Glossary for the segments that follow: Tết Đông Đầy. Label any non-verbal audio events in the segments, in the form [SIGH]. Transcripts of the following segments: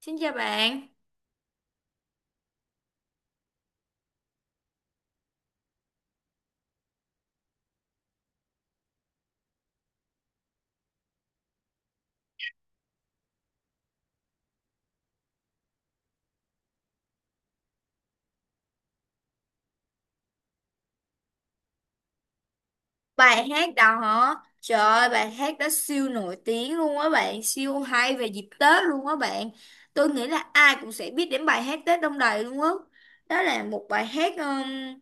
Xin chào bạn, bài hát đó hả? Trời ơi, bài hát đó siêu nổi tiếng luôn á bạn, siêu hay về dịp Tết luôn á bạn. Tôi nghĩ là ai cũng sẽ biết đến bài hát Tết Đông Đầy luôn á. Đó là một bài hát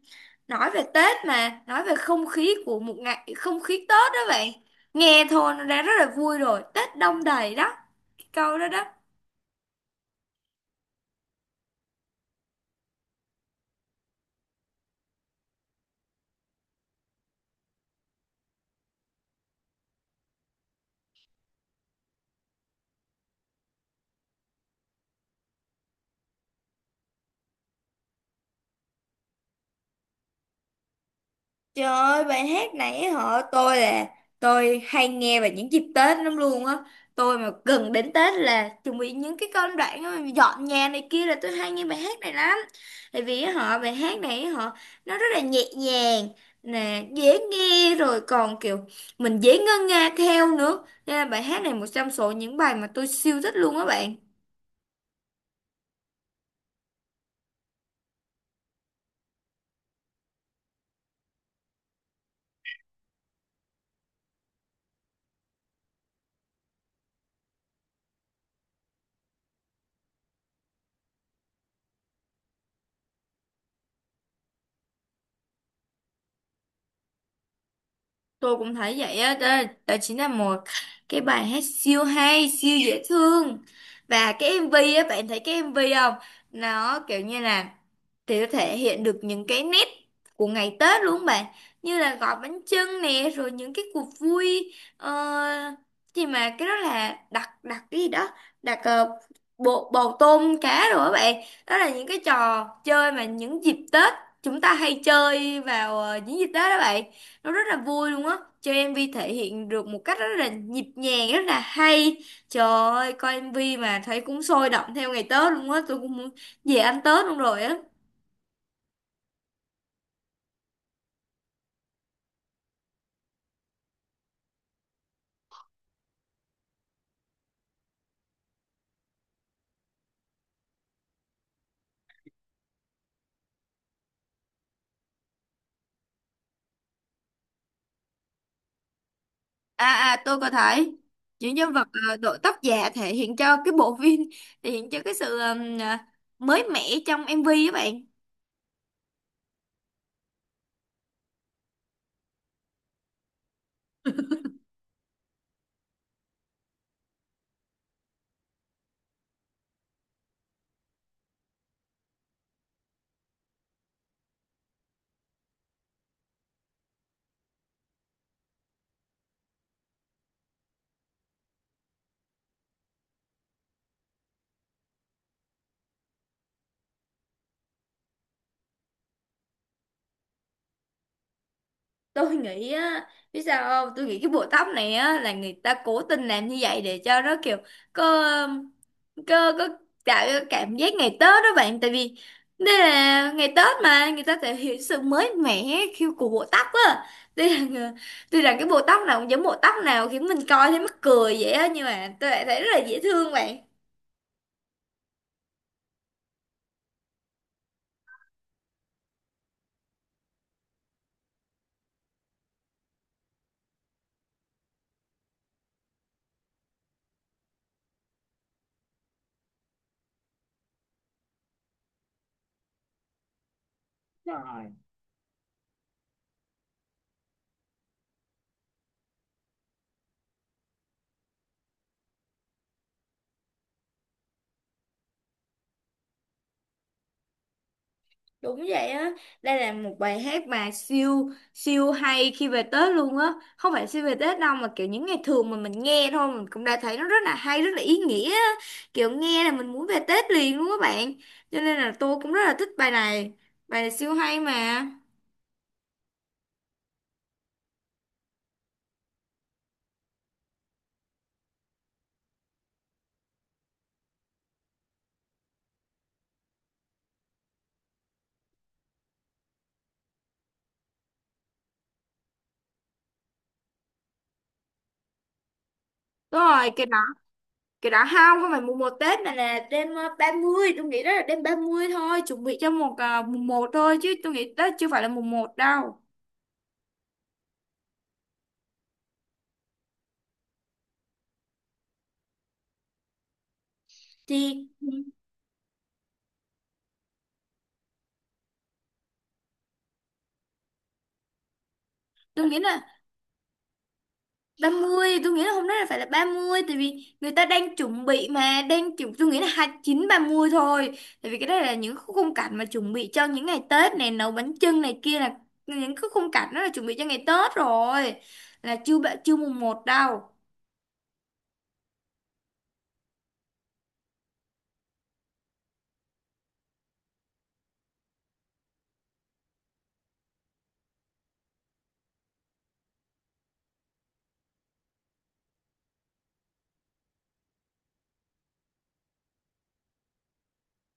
nói về Tết mà, nói về không khí của một ngày, không khí Tết đó bạn. Nghe thôi nó đã rất là vui rồi, Tết Đông Đầy đó, cái câu đó đó. Trời ơi, bài hát này á họ tôi là tôi hay nghe vào những dịp Tết lắm luôn á. Tôi mà gần đến Tết là chuẩn bị những cái công đoạn á, dọn nhà này kia là tôi hay nghe bài hát này lắm. Tại vì á họ bài hát này á họ nó rất là nhẹ nhàng nè, dễ nghe rồi còn kiểu mình dễ ngân nga theo nữa. Nên là bài hát này một trong số những bài mà tôi siêu thích luôn á bạn. Tôi cũng thấy vậy á đó, đó chính là một cái bài hát siêu hay siêu dễ thương và cái MV á bạn thấy cái MV không, nó kiểu như là thì nó thể hiện được những cái nét của ngày Tết luôn bạn, như là gói bánh chưng nè, rồi những cái cuộc vui gì mà cái đó là đặt đặt cái gì đó, đặt bộ bầu tôm cá rồi các bạn. Đó là những cái trò chơi mà những dịp Tết chúng ta hay chơi vào những dịp Tết đó bạn, nó rất là vui luôn á, cho MV thể hiện được một cách rất là nhịp nhàng, rất là hay. Trời ơi, coi MV mà thấy cũng sôi động theo ngày Tết luôn á, tôi cũng muốn về ăn Tết luôn rồi á. À à, tôi có thấy những nhân vật đội tóc giả thể hiện cho cái bộ phim [LAUGHS] thể hiện cho cái sự mới mẻ trong MV á bạn. Tôi nghĩ á, biết sao không, tôi nghĩ cái bộ tóc này á là người ta cố tình làm như vậy để cho nó kiểu có có tạo cái cảm giác ngày Tết đó bạn. Tại vì đây là ngày Tết mà người ta thể hiện sự mới mẻ khi của bộ tóc á, đây là người- tuy rằng cái bộ tóc nào cũng giống bộ tóc nào khiến mình coi thấy mắc cười vậy á, nhưng mà tôi lại thấy rất là dễ thương bạn. Đúng vậy á, đây là một bài hát mà siêu siêu hay khi về Tết luôn á. Không phải siêu về Tết đâu mà kiểu những ngày thường mà mình nghe thôi mình cũng đã thấy nó rất là hay, rất là ý nghĩa á. Kiểu nghe là mình muốn về Tết liền luôn các bạn. Cho nên là tôi cũng rất là thích bài này. Bài này siêu hay mà. Đúng rồi, cái đó không, không phải mùng một Tết mà là đêm ba mươi, tôi nghĩ đó là đêm 30 thôi, chuẩn bị cho một mùng một thôi, chứ tôi nghĩ Tết chưa phải là mùng một đâu. Thì ừ, tôi nghĩ là ba mươi, tôi nghĩ là hôm nay là phải là ba mươi, tại vì người ta đang chuẩn bị mà đang chuẩn, tôi nghĩ là hai mươi chín, ba mươi thôi. Tại vì cái đây là những khu khung cảnh mà chuẩn bị cho những ngày Tết này, nấu bánh chưng này kia là những cái khung cảnh đó là chuẩn bị cho ngày Tết rồi. Là chưa ba- chưa mùng một đâu.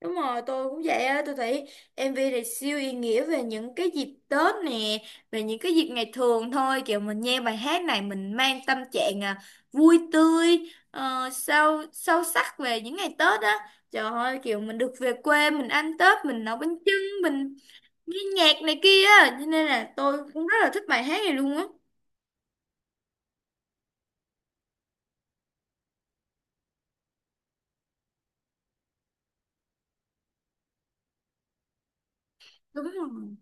Đúng rồi, tôi cũng vậy á, tôi thấy MV này siêu ý nghĩa về những cái dịp Tết nè, về những cái dịp ngày thường thôi, kiểu mình nghe bài hát này mình mang tâm trạng à, vui tươi, sâu sâu sắc về những ngày Tết á. Trời ơi, kiểu mình được về quê, mình ăn Tết, mình nấu bánh chưng, mình nghe nhạc này kia á, cho nên là tôi cũng rất là thích bài hát này luôn á. Đúng rồi.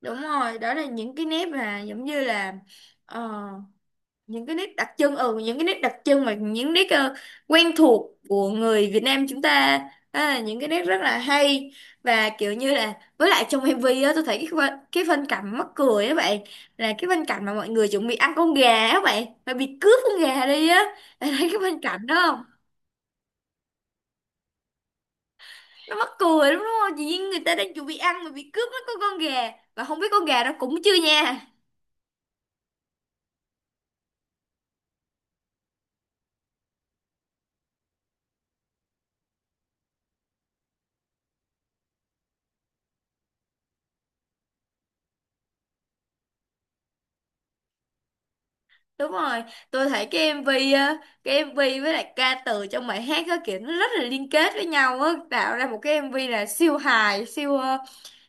Đúng rồi, đó là những cái nét mà giống như là ờ, những cái nét đặc trưng, ừ, những cái nét đặc trưng mà những nét quen thuộc của người Việt Nam chúng ta. Đó là những cái nét rất là hay và kiểu như là với lại trong MV á tôi thấy cái phân cảnh mắc cười á bạn, là cái phân cảnh mà mọi người chuẩn bị ăn con gà á bạn mà bị cướp con gà đi á [LAUGHS] bạn thấy cái phân cảnh đó không? Nó mắc cười lắm đúng không, chỉ như người ta đang chuẩn bị ăn mà bị cướp mất con gà, và không biết con gà đó cũng chưa nha. Đúng rồi, tôi thấy cái MV á, cái MV với lại ca từ trong bài hát á kiểu nó rất là liên kết với nhau á, tạo ra một cái MV là siêu hài, siêu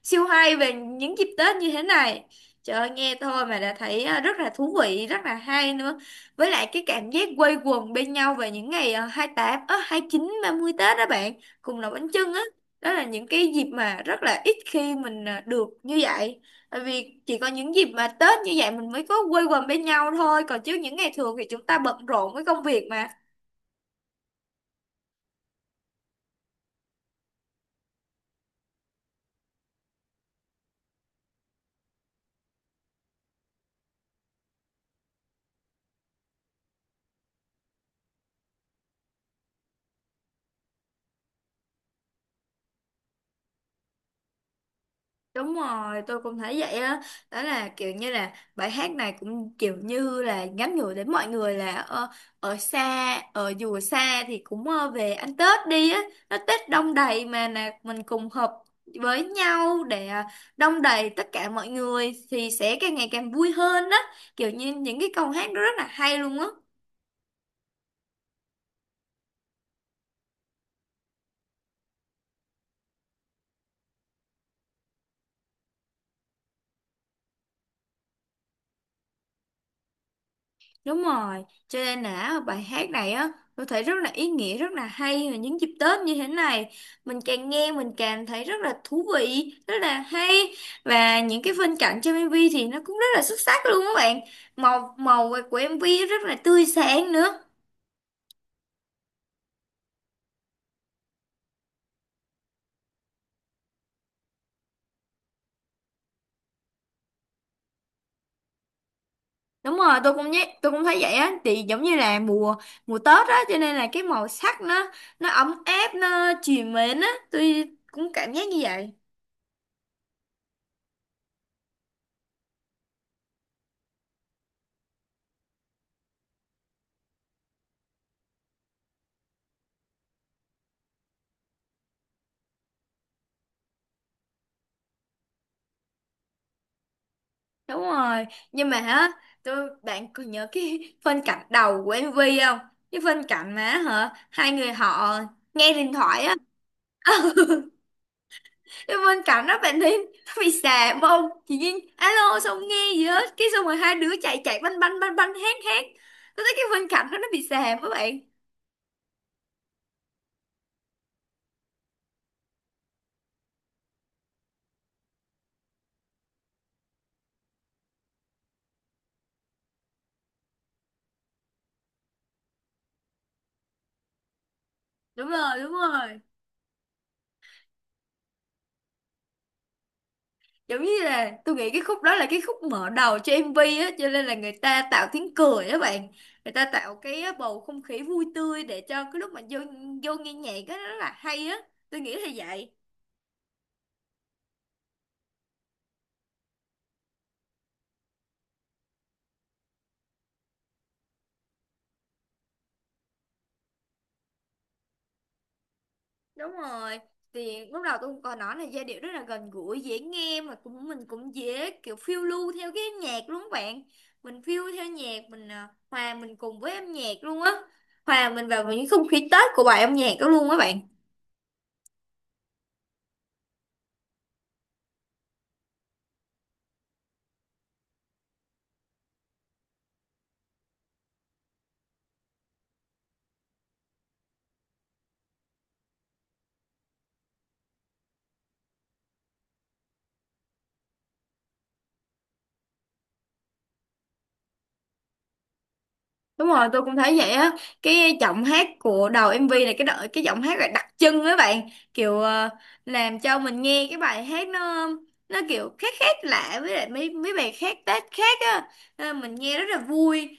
siêu hay về những dịp Tết như thế này. Trời ơi, nghe thôi mà đã thấy rất là thú vị, rất là hay nữa. Với lại cái cảm giác quây quần bên nhau về những ngày 28, hai chín, ba mươi Tết đó bạn, cùng nấu bánh chưng á. Đó là những cái dịp mà rất là ít khi mình được như vậy. Tại vì chỉ có những dịp mà Tết như vậy mình mới có quây quần bên nhau thôi. Còn chứ những ngày thường thì chúng ta bận rộn với công việc mà. Đúng rồi, tôi cũng thấy vậy á. Đó là kiểu như là bài hát này cũng kiểu như là nhắn nhủ đến mọi người là ở xa, ở dù ở xa thì cũng về ăn Tết đi á. Nó Tết đông đầy mà, là mình cùng hợp với nhau để đông đầy tất cả mọi người thì sẽ càng ngày càng vui hơn á. Kiểu như những cái câu hát đó rất là hay luôn á. Đúng rồi, cho nên là bài hát này á, tôi thấy rất là ý nghĩa, rất là hay và những dịp Tết như thế này, mình càng nghe mình càng thấy rất là thú vị, rất là hay và những cái phân cảnh trong MV thì nó cũng rất là xuất sắc luôn các bạn. Màu màu của MV rất là tươi sáng nữa. Đúng rồi, tôi cũng nhé, tôi cũng thấy vậy á, thì giống như là mùa mùa Tết á, cho nên là cái màu sắc nó ấm áp, nó trìu mến á, tôi cũng cảm giác như vậy. Đúng rồi, nhưng mà á, tôi bạn còn nhớ cái [LAUGHS] phân cảnh đầu của MV không? Cái phân cảnh mà hả, hai người họ nghe điện thoại á, cái phân cảnh đó bạn thấy [LAUGHS] nó bị xàm không? Chị Duyên alo xong nghe gì hết, cái xong rồi hai đứa chạy chạy banh banh banh banh hét hét. Tôi thấy cái phân cảnh đó nó bị xàm các bạn. Đúng rồi, đúng rồi. Giống như là tôi nghĩ cái khúc đó là cái khúc mở đầu cho MV á, cho nên là người ta tạo tiếng cười á bạn, người ta tạo cái bầu không khí vui tươi để cho cái lúc mà vô vô nghe nhạc á nó rất là hay á, tôi nghĩ là vậy. Đúng rồi, thì lúc đầu tôi cũng có nói là giai điệu rất là gần gũi dễ nghe, mà cũng mình cũng dễ kiểu phiêu lưu theo cái nhạc luôn á bạn, mình phiêu theo nhạc mình à, hòa mình cùng với âm nhạc luôn á, hòa mình vào những không khí Tết của bài âm nhạc đó luôn á bạn. Đúng rồi, tôi cũng thấy vậy á. Cái giọng hát của đầu MV này cái đợi cái giọng hát là đặc trưng á bạn, kiểu làm cho mình nghe cái bài hát nó kiểu khác khác lạ với lại mấy mấy bài khác Tết khác á. Nên là mình nghe rất là vui.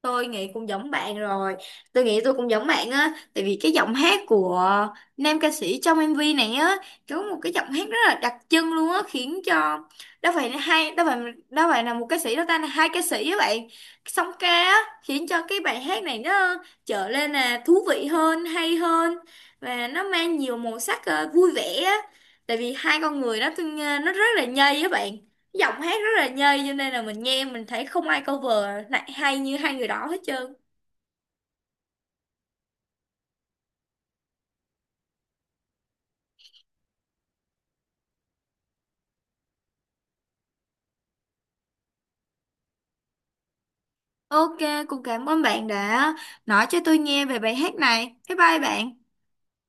Tôi nghĩ cũng giống bạn rồi, tôi nghĩ tôi cũng giống bạn á, tại vì cái giọng hát của nam ca sĩ trong MV này á có một cái giọng hát rất là đặc trưng luôn á, khiến cho đó phải là hai, đó phải, đó phải là một ca sĩ đó ta là hai ca sĩ á bạn, song ca á, khiến cho cái bài hát này nó trở lên là thú vị hơn hay hơn, và nó mang nhiều màu sắc vui vẻ á, tại vì hai con người đó nó rất là nhây á bạn, giọng hát rất là nhây, cho nên là mình nghe mình thấy không ai cover lại hay như hai người đó hết trơn. Ok, cũng cảm ơn bạn đã nói cho tôi nghe về bài hát này. Bye bye bạn.